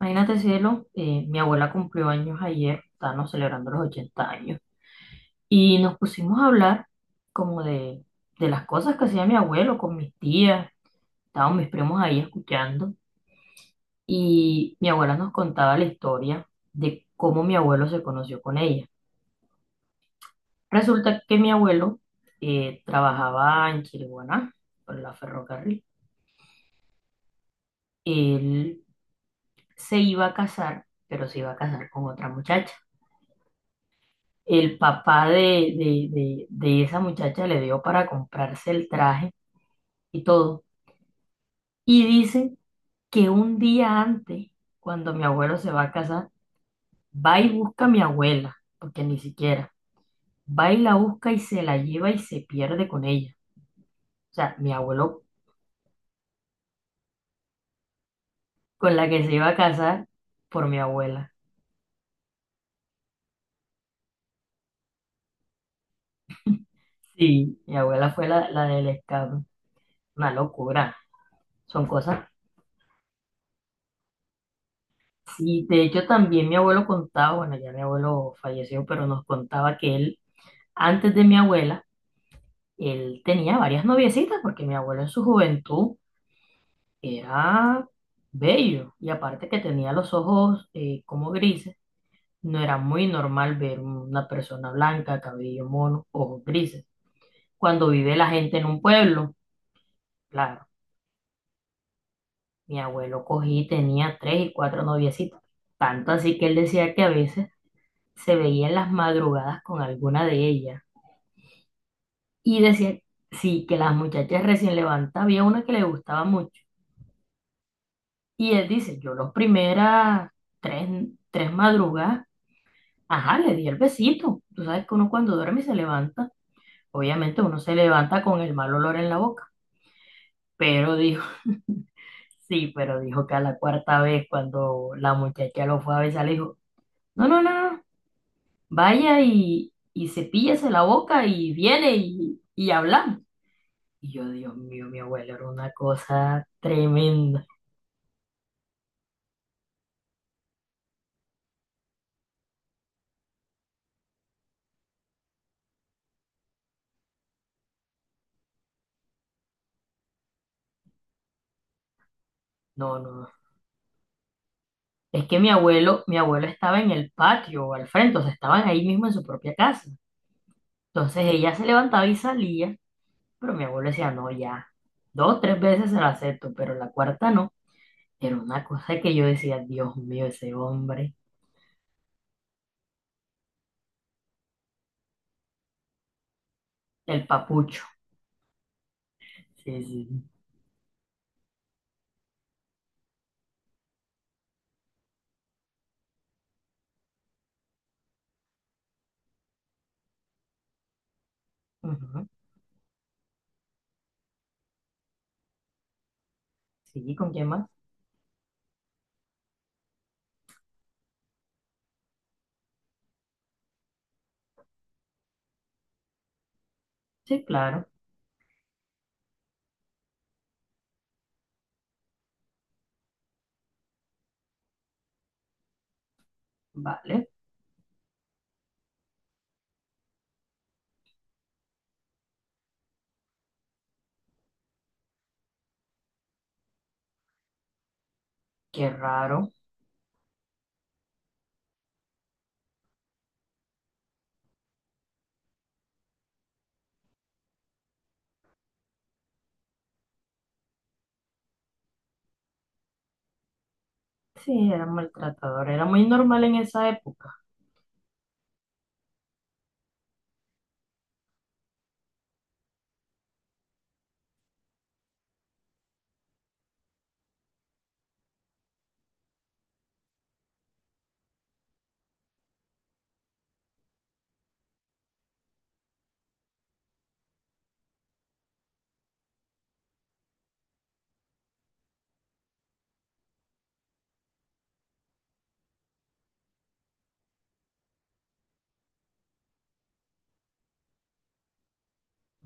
Imagínate, cielo, mi abuela cumplió años ayer, estábamos celebrando los 80 años, y nos pusimos a hablar como de, de las cosas que hacía mi abuelo con mis tías, estaban mis primos ahí escuchando, y mi abuela nos contaba la historia de cómo mi abuelo se conoció con ella. Resulta que mi abuelo trabajaba en Chiriguaná, por la ferrocarril. Él se iba a casar, pero se iba a casar con otra muchacha. El papá de esa muchacha le dio para comprarse el traje y todo. Y dice que un día antes, cuando mi abuelo se va a casar, va y busca a mi abuela, porque ni siquiera, va y la busca y se la lleva y se pierde con ella. O sea, mi abuelo, con la que se iba a casar, por mi abuela. Sí, mi abuela fue la del escape. Una locura. Son cosas. Sí, de hecho también mi abuelo contaba, bueno, ya mi abuelo falleció, pero nos contaba que él, antes de mi abuela, él tenía varias noviecitas, porque mi abuelo en su juventud era bello, y aparte que tenía los ojos como grises. No era muy normal ver una persona blanca, cabello mono, ojos grises. Cuando vive la gente en un pueblo, claro, mi abuelo cogí y tenía tres y cuatro noviecitas, tanto así que él decía que a veces se veía en las madrugadas con alguna de ellas, y decía, sí, que las muchachas recién levantadas, había una que le gustaba mucho. Y él dice, yo los primeras tres, tres madrugadas, ajá, le di el besito. Tú sabes que uno cuando duerme y se levanta, obviamente uno se levanta con el mal olor en la boca, pero dijo, sí, pero dijo que a la cuarta vez cuando la muchacha lo fue a besar, le dijo, no, no, no, no, vaya y cepíllese la boca y viene y hablamos. Y yo, Dios mío, mi abuela era una cosa tremenda. No, no, es que mi abuelo estaba en el patio o al frente. O sea, estaban ahí mismo en su propia casa. Entonces ella se levantaba y salía, pero mi abuelo decía, no, ya, dos, tres veces se la acepto, pero la cuarta no. Era una cosa que yo decía, Dios mío, ese hombre, el papucho. Sí, sí, sí. Ujú. Sí, ¿con quién más? Sí, claro, vale, qué raro. Sí, era maltratador, era muy normal en esa época.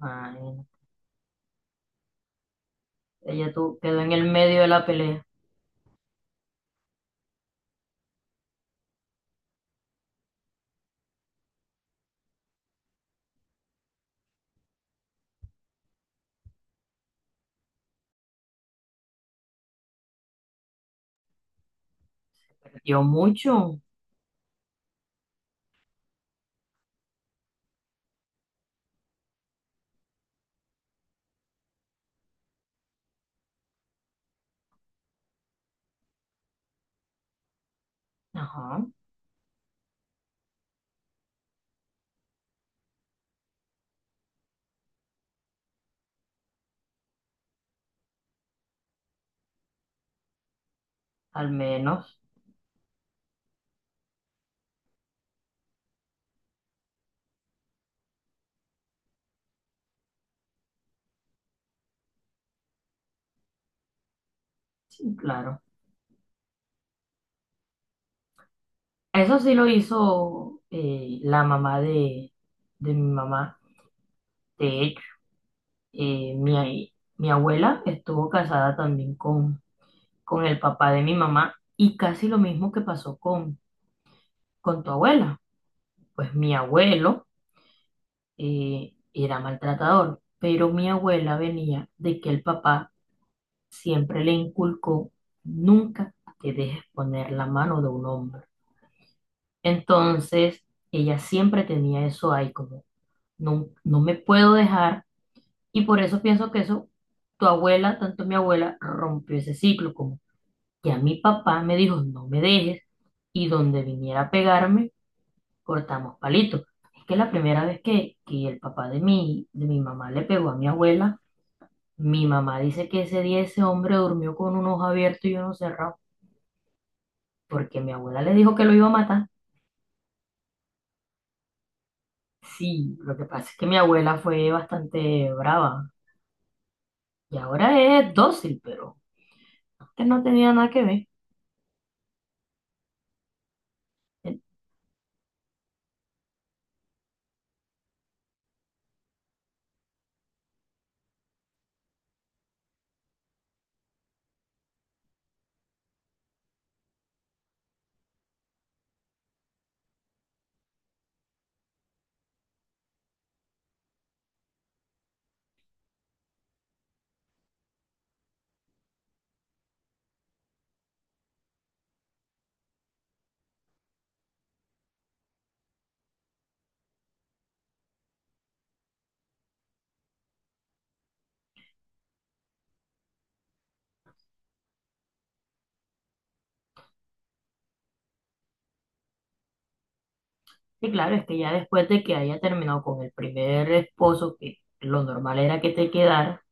Ay, ella tu- quedó en el medio de la pelea, perdió mucho. Ajá. Al menos. Sí, claro. Eso sí lo hizo, la mamá de mi mamá. De hecho, mi abuela estuvo casada también con el papá de mi mamá y casi lo mismo que pasó con tu abuela. Pues mi abuelo era maltratador, pero mi abuela venía de que el papá siempre le inculcó, nunca te dejes poner la mano de un hombre. Entonces, ella siempre tenía eso ahí, como no, no me puedo dejar. Y por eso pienso que eso, tu abuela, tanto mi abuela, rompió ese ciclo, como que a mi papá me dijo, no me dejes, y donde viniera a pegarme, cortamos palitos. Es que la primera vez que el papá de mi mamá le pegó a mi abuela, mi mamá dice que ese día ese hombre durmió con un ojo abierto y uno cerrado, porque mi abuela le dijo que lo iba a matar. Sí, lo que pasa es que mi abuela fue bastante brava y ahora es dócil, pero antes no tenía nada que ver. Y claro, es que ya después de que haya terminado con el primer esposo, que lo normal era que te quedara,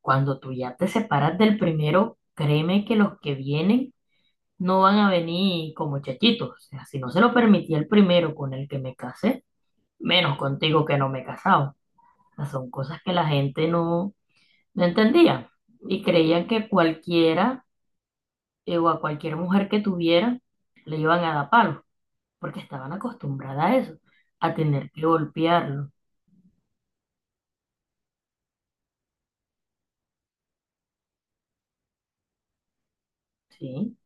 cuando tú ya te separas del primero, créeme que los que vienen no van a venir como chachitos. O sea, si no se lo permitía el primero con el que me casé, menos contigo que no me he casado. O sea, son cosas que la gente no, no entendía, y creían que cualquiera o a cualquier mujer que tuviera, le iban a dar palos, porque estaban acostumbradas a eso, a tener que golpearlo. ¿Sí?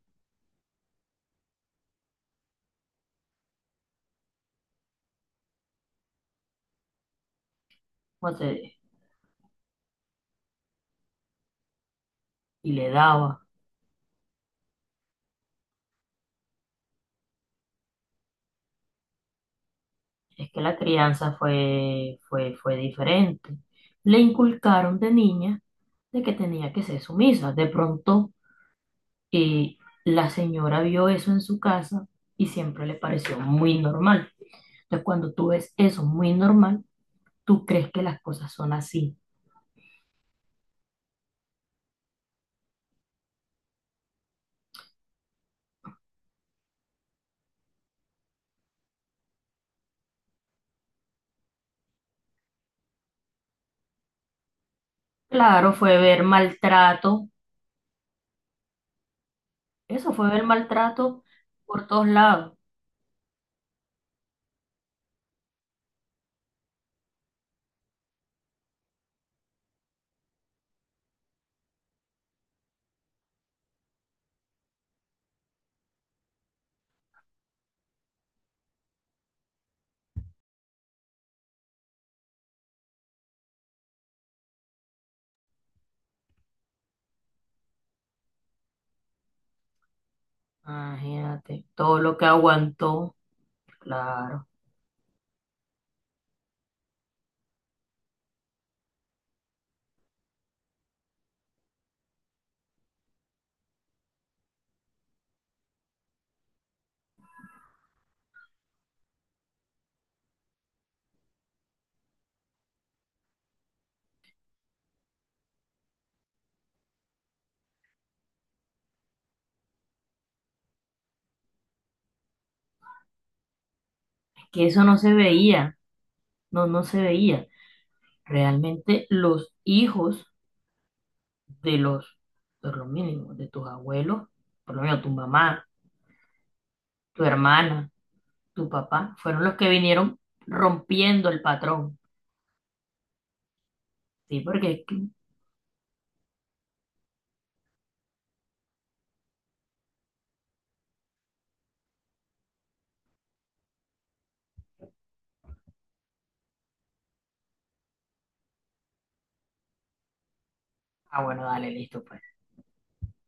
O sea, y le daba. Es que la crianza fue diferente. Le inculcaron de niña de que tenía que ser sumisa. De pronto, eh, la señora vio eso en su casa y siempre le pareció muy normal. Entonces, cuando tú ves eso muy normal, tú crees que las cosas son así. Claro, fue ver maltrato. Eso fue el maltrato por todos lados. Imagínate, todo lo que aguantó, claro. Es que eso no se veía, no, no se veía. Realmente los hijos de los, por lo mínimo, de tus abuelos, por lo menos tu mamá, tu hermana, tu papá, fueron los que vinieron rompiendo el patrón. Sí, porque es que, ah, bueno, dale, listo, pues.